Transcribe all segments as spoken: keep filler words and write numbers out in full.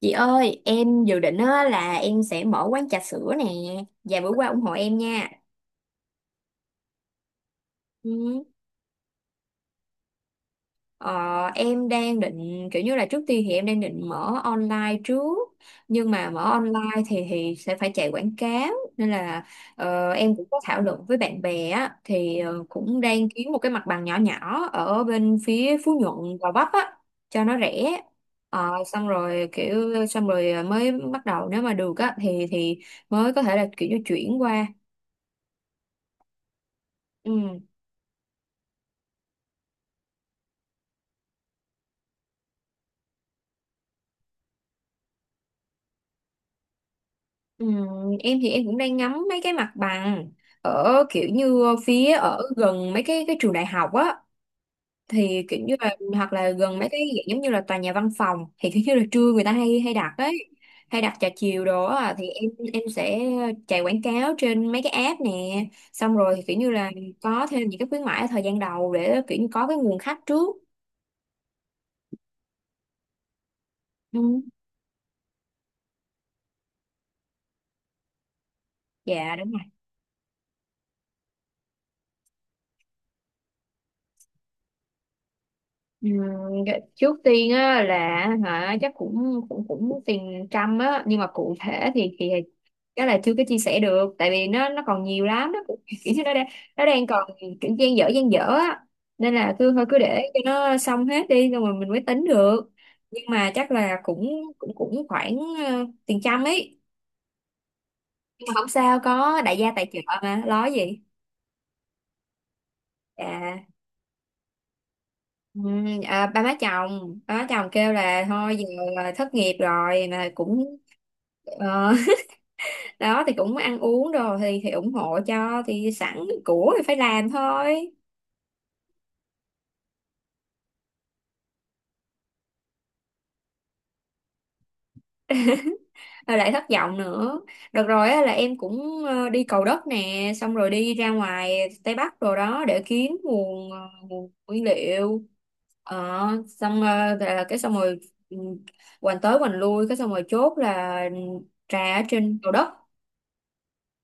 Chị ơi, em dự định á, là em sẽ mở quán trà sữa nè. Vài bữa qua ủng hộ em nha. Ừ. Ờ, em đang định, kiểu như là trước tiên thì em đang định mở online trước. Nhưng mà mở online thì thì sẽ phải chạy quảng cáo. Nên là ờ, em cũng có thảo luận với bạn bè á. Thì ờ, cũng đang kiếm một cái mặt bằng nhỏ nhỏ ở bên phía Phú Nhuận, Gò Vấp á. Cho nó rẻ. Ờ, xong rồi kiểu xong rồi ờ, mới bắt đầu nếu mà được á thì thì mới có thể là kiểu như chuyển qua. Ừ, ừ, em thì em cũng đang ngắm mấy cái mặt bằng ở kiểu như phía ở gần mấy cái cái trường đại học á, thì kiểu như là hoặc là gần mấy cái dạng giống như là tòa nhà văn phòng, thì kiểu như là trưa người ta hay hay đặt ấy, hay đặt trà chiều đồ á thì em em sẽ chạy quảng cáo trên mấy cái app nè, xong rồi thì kiểu như là có thêm những cái khuyến mãi ở thời gian đầu để kiểu như có cái nguồn khách trước. Ừ, dạ đúng. Ừ, dạ, trước tiên á là hả chắc cũng cũng cũng tiền trăm á, nhưng mà cụ thể thì thì cái là chưa có chia sẻ được, tại vì nó nó còn nhiều lắm, nó cũng- kiểu như nó đang, nó đang còn kiểu dang dở dang dở á, nên là cứ thôi cứ để cho nó xong hết đi rồi mình mới tính được. Nhưng mà chắc là cũng cũng cũng khoảng ờ, tiền trăm ấy, nhưng mà không sao, có đại gia tài trợ mà lo gì. À, ừ, à, ba má chồng ba má chồng kêu là thôi giờ là thất nghiệp rồi mà cũng ờ, đó thì cũng ăn uống đồ thì thì ủng hộ cho, thì sẵn của thì phải làm thôi. Rồi lại thất vọng nữa. Được rồi á, là em cũng ờ, đi Cầu Đất nè, xong rồi đi ra ngoài Tây Bắc rồi đó để kiếm nguồn ờ, nguồn nguyên liệu. Ờ, xong ờ, là cái xong rồi, ừ, hoành tới hoành lui cái xong rồi chốt là ừ, trà ở trên Cầu Đất.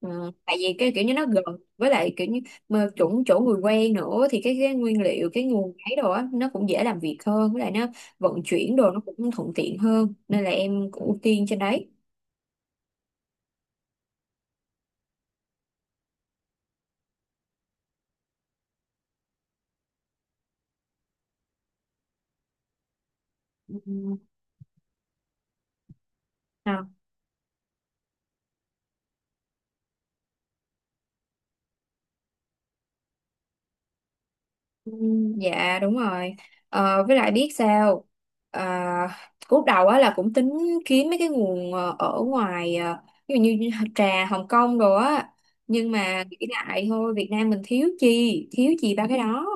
Ờ, tại vì cái kiểu như nó gần, với lại kiểu như mà chỗ chỗ người quen nữa, thì cái, cái nguyên liệu cái nguồn ấy đồ á nó cũng dễ làm việc hơn, với lại nó vận chuyển đồ nó cũng thuận tiện hơn nên là em cũng ưu tiên trên đấy. Ừ. Ừ, dạ đúng rồi. Ờ, với lại biết sao, à, lúc đầu á là cũng tính kiếm mấy cái nguồn ờ, ở ngoài, ờ, ví dụ như trà Hồng Kông rồi á, nhưng mà nghĩ lại thôi Việt Nam mình thiếu chi thiếu gì ba cái đó,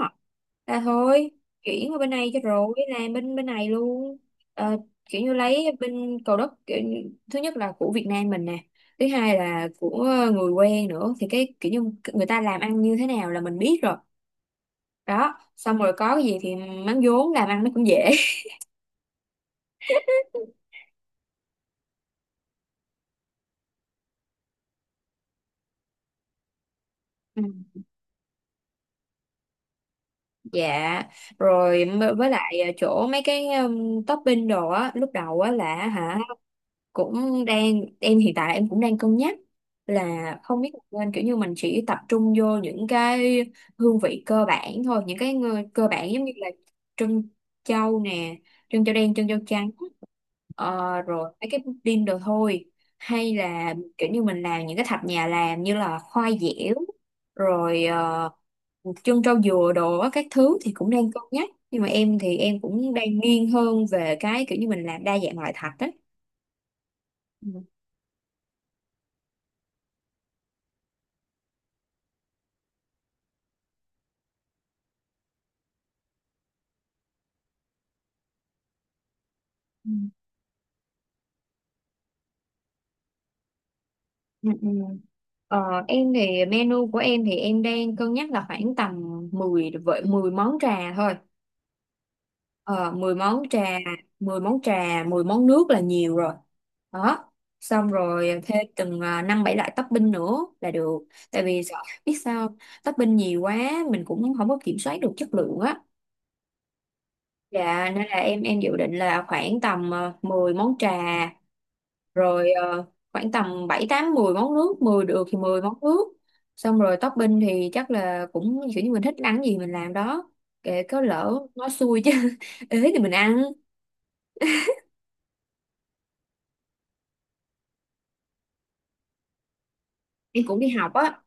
là thôi chuyển qua bên này cho rồi, làm bên bên này luôn. Ờ, kiểu như lấy bên Cầu Đất kiểu, như- thứ nhất là của Việt Nam mình nè, thứ hai là của người quen nữa, thì cái kiểu như người ta làm ăn như thế nào là mình biết rồi, đó xong rồi có cái gì thì mắm vốn làm ăn nó cũng dễ. Ừ. Dạ rồi m- với lại à, chỗ mấy cái um, topping đồ á lúc đầu á là hả cũng đang em, hiện tại em cũng đang cân nhắc là không biết nên kiểu như mình chỉ tập trung vô những cái hương vị cơ bản thôi, những cái ngư- cơ bản giống như là trân châu nè, trân châu đen trân châu trắng, ờ, rồi mấy cái pudding đồ thôi, hay là kiểu như mình làm những cái thạch nhà làm như là khoai dẻo rồi ờ, trân trâu dừa đồ á, các thứ, thì cũng đang cân nhắc nhưng mà em thì em cũng đang nghiêng hơn về cái kiểu như mình làm đa dạng loại thạch á. Ừ, ừ, ừ. Ờ, em thì menu của em thì em đang cân nhắc là khoảng tầm mười vậy mười món trà thôi. Ờ, mười món trà, mười món trà, mười món nước là nhiều rồi. Đó. Xong rồi thêm từng à, năm bảy loại topping nữa là được. Tại vì sợ biết sao không? Topping nhiều quá mình cũng không có kiểm soát được chất lượng á. Dạ nên là em em dự định là khoảng tầm ờ, mười món trà rồi ờ, khoảng tầm bảy tám mười món nước, mười được thì mười món nước. Xong rồi topping thì chắc là cũng kiểu như mình thích ăn gì mình làm đó. Kệ có lỡ nó xui chứ ế thì mình ăn. Em cũng đi học á.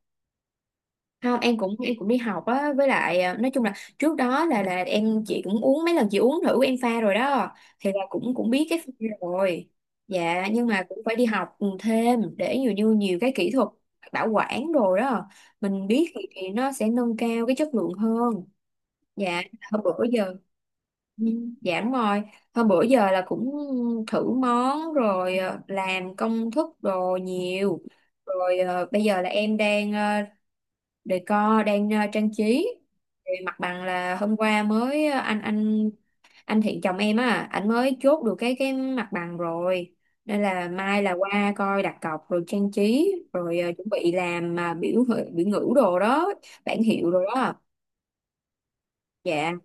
Không em cũng em cũng đi học á, với lại à, nói chung là trước đó là là em, chị cũng uống mấy lần, chị uống thử em pha rồi đó, thì là cũng cũng biết cái pha rồi. Dạ nhưng mà cũng phải đi học ừ, thêm để nhiều như nhiều cái kỹ thuật bảo quản đồ đó mình biết thì, thì nó sẽ nâng cao cái chất lượng hơn. Dạ. Hôm bữa giờ. Ừ, dạ đúng rồi. Hôm bữa giờ là cũng thử món rồi, ờ, làm công thức đồ nhiều. Rồi ờ, bây giờ là em đang ờ, decor, đang ờ, trang trí, thì mặt bằng là hôm qua mới ờ, anh anh anh Thiện chồng em á, ảnh mới chốt được cái cái mặt bằng rồi, nên là mai là qua coi đặt cọc rồi trang trí rồi ờ, chuẩn bị làm mà biểu ngữ- biểu ngữ đồ đó, bảng hiệu rồi đó. Dạ.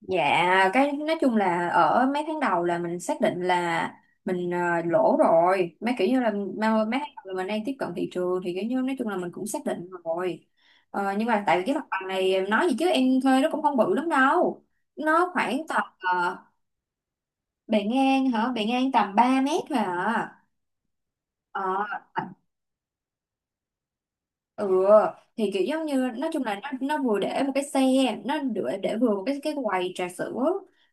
Dạ, cái nói chung là ở mấy tháng đầu là mình xác định là mình ờ, lỗ rồi. Mấy kiểu như là mà- mấy tháng đầu là mình đang tiếp cận thị trường thì kiểu như nói chung là mình cũng xác định rồi. Ờ, nhưng mà tại vì cái mặt bằng này em nói gì chứ em thuê nó cũng không bự lắm đâu. Nó khoảng tầm ờ, bề ngang hả? Bề ngang tầm ba mét thôi à. Ờ ừ, thì kiểu giống như nói chung là nó nó vừa để một cái xe, nó để, để vừa một cái cái quầy trà sữa,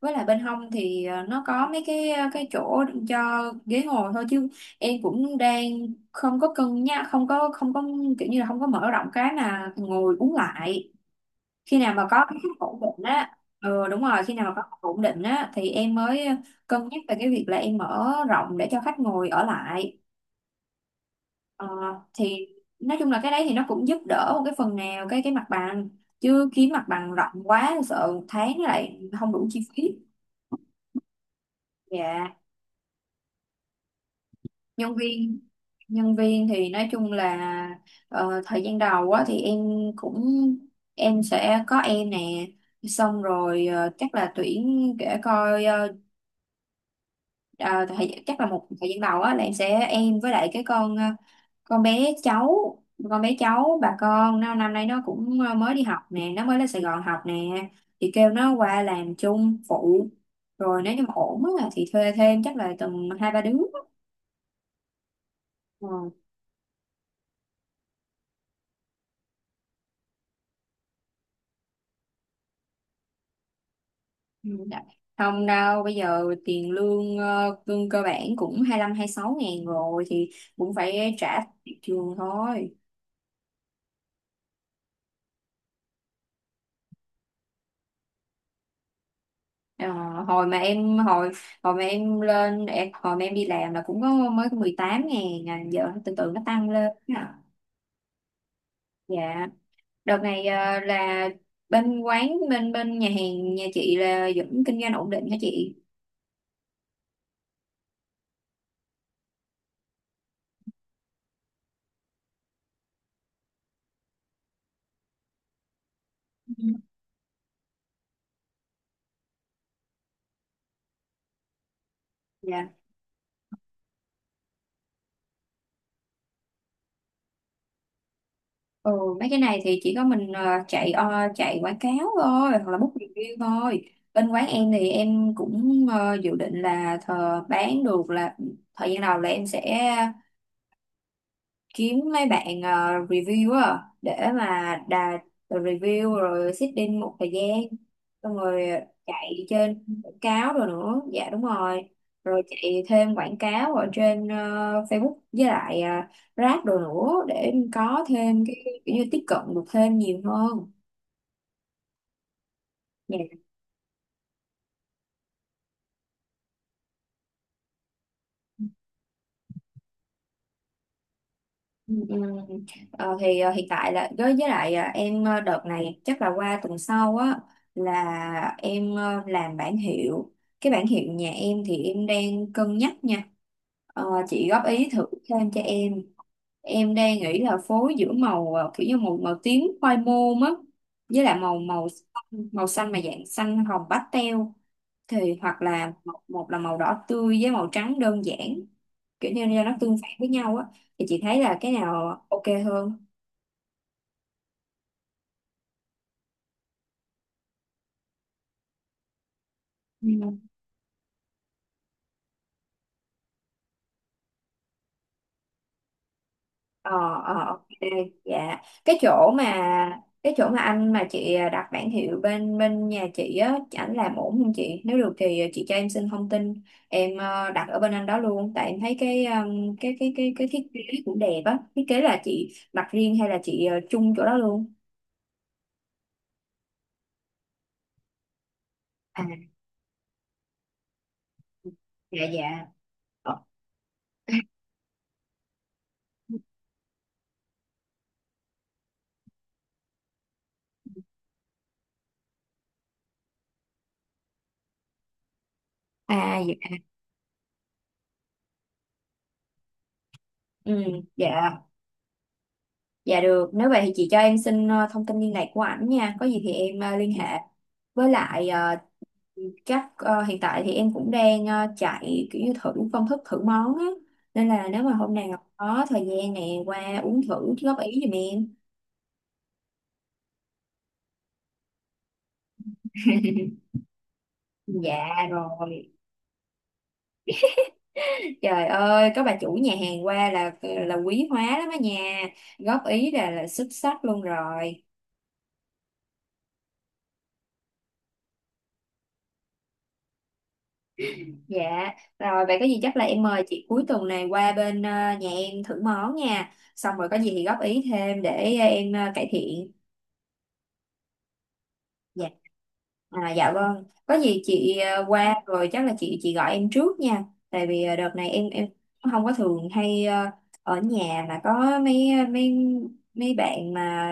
với lại bên hông thì ờ, nó có mấy cái ờ, cái chỗ cho ghế ngồi thôi, chứ em cũng đang không có cân nhắc, không có không có kiểu như là không có mở rộng cái mà ngồi uống lại, khi nào mà có cái khách ổn định á. Ừ đúng rồi, khi nào mà có khách ổn định á thì em mới cân nhắc về cái việc là em mở rộng để cho khách ngồi ở lại. Ờ, thì nói chung là cái đấy thì nó cũng giúp đỡ một cái phần nào cái cái mặt bằng, chứ kiếm mặt bằng rộng quá sợ một tháng lại không đủ chi phí. Dạ. Nhân viên, nhân viên thì nói chung là ờ, thời gian đầu á thì em cũng em sẽ có em nè, xong rồi ờ, chắc là tuyển để coi ờ, ờ, thời, chắc là một thời gian đầu á là em sẽ em, với lại cái con ờ, con bé cháu con bé cháu bà con nó năm nay nó cũng ờ, mới đi học nè, nó mới lên Sài Gòn học nè, thì kêu nó qua làm chung phụ, rồi nếu như mà ổn á thì thuê thêm chắc là tầm hai ba đứa. Ừ. Ừ. Dạ. Không đâu, bây giờ tiền lương ờ, lương cơ bản cũng hai lăm sáu ngàn rồi, thì cũng phải trả tiền trường thôi. Ờ, hồi mà em hồi hồi mà em lên em, hồi mà em đi làm là cũng có mới có mười tám ngàn à, giờ từ từ nó tăng lên à. Dạ. Đợt này ờ, là bên quán bên bên nhà hàng nhà chị là vẫn kinh doanh ổn định hả chị? Ừ. Dạ. Ừ, mấy cái này thì chỉ có mình ờ, chạy ờ, chạy quảng cáo thôi, hoặc là book review thôi, bên quán em thì em cũng ờ, dự định là thờ bán được là thời gian đầu là em sẽ kiếm mấy bạn ờ, review á để mà đà review rồi sitting một thời gian, xong rồi chạy trên quảng cáo rồi nữa, dạ đúng rồi, rồi chạy thêm quảng cáo ở trên ờ, Facebook với lại uh, Grab rồi nữa để có thêm cái kiểu như tiếp cận được thêm nhiều hơn. Dạ. Ừ, ừ. Ờ, thì ờ, hiện tại là với với lại ờ, em ờ, đợt này chắc là qua tuần sau á là em ờ, làm bản hiệu, cái bản hiệu nhà em thì em đang cân nhắc nha. Ờ, chị góp ý thử thêm cho em em đang nghĩ là phối giữa màu ờ, kiểu như màu màu tím khoai môn á, với lại màu màu xanh- màu xanh mà dạng xanh hồng pastel, thì hoặc là một, một là màu đỏ tươi với màu trắng đơn giản, kiểu như là nó tương phản với nhau á, thì chị thấy là cái nào OK hơn? Ừ. Ờ. Ờ, OK. Dạ, cái chỗ mà cái chỗ mà anh mà chị đặt bảng hiệu bên bên nhà chị á ảnh làm ổn không chị, nếu được thì chị cho em xin thông tin, em ờ, đặt ở bên anh đó luôn, tại em thấy cái um, cái cái cái cái thiết kế cũng đẹp á, thiết kế là chị đặt riêng hay là chị ờ, chung chỗ đó luôn? À dạ dạ. Ờ. À dạ. Ừ, dạ, dạ được. Nếu vậy thì chị cho em xin ờ, thông tin liên lạc của ảnh nha. Có gì thì em ờ, liên hệ. Với lại ờ, các ờ, hiện tại thì em cũng đang ờ, chạy kiểu như thử công thức thử món á. Nên là nếu mà hôm nào có thời gian nè qua uống thử góp ý giùm em. Dạ rồi. Trời ơi, có bà chủ nhà hàng qua là ờ, là quý hóa lắm á nha. Góp ý là là xuất sắc luôn rồi. Dạ, rồi vậy có gì chắc là em mời chị cuối tuần này qua bên ờ, nhà em thử món nha. Xong rồi có gì thì góp ý thêm để ờ, em ờ, cải thiện. Dạ, à, dạ vâng. Có gì chị ờ, qua rồi chắc là chị chị gọi em trước nha. Tại vì ờ, đợt này em em không có thường hay ờ, ở nhà, mà có mấy ờ, mấy mấy bạn mà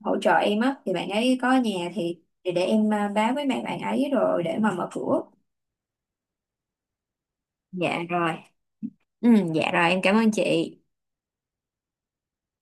hỗ trợ em á, thì bạn ấy có ở nhà thì thì để em ờ, báo với mấy bạn ấy rồi để mà mở cửa. Dạ rồi. Ừ, dạ rồi em cảm ơn chị.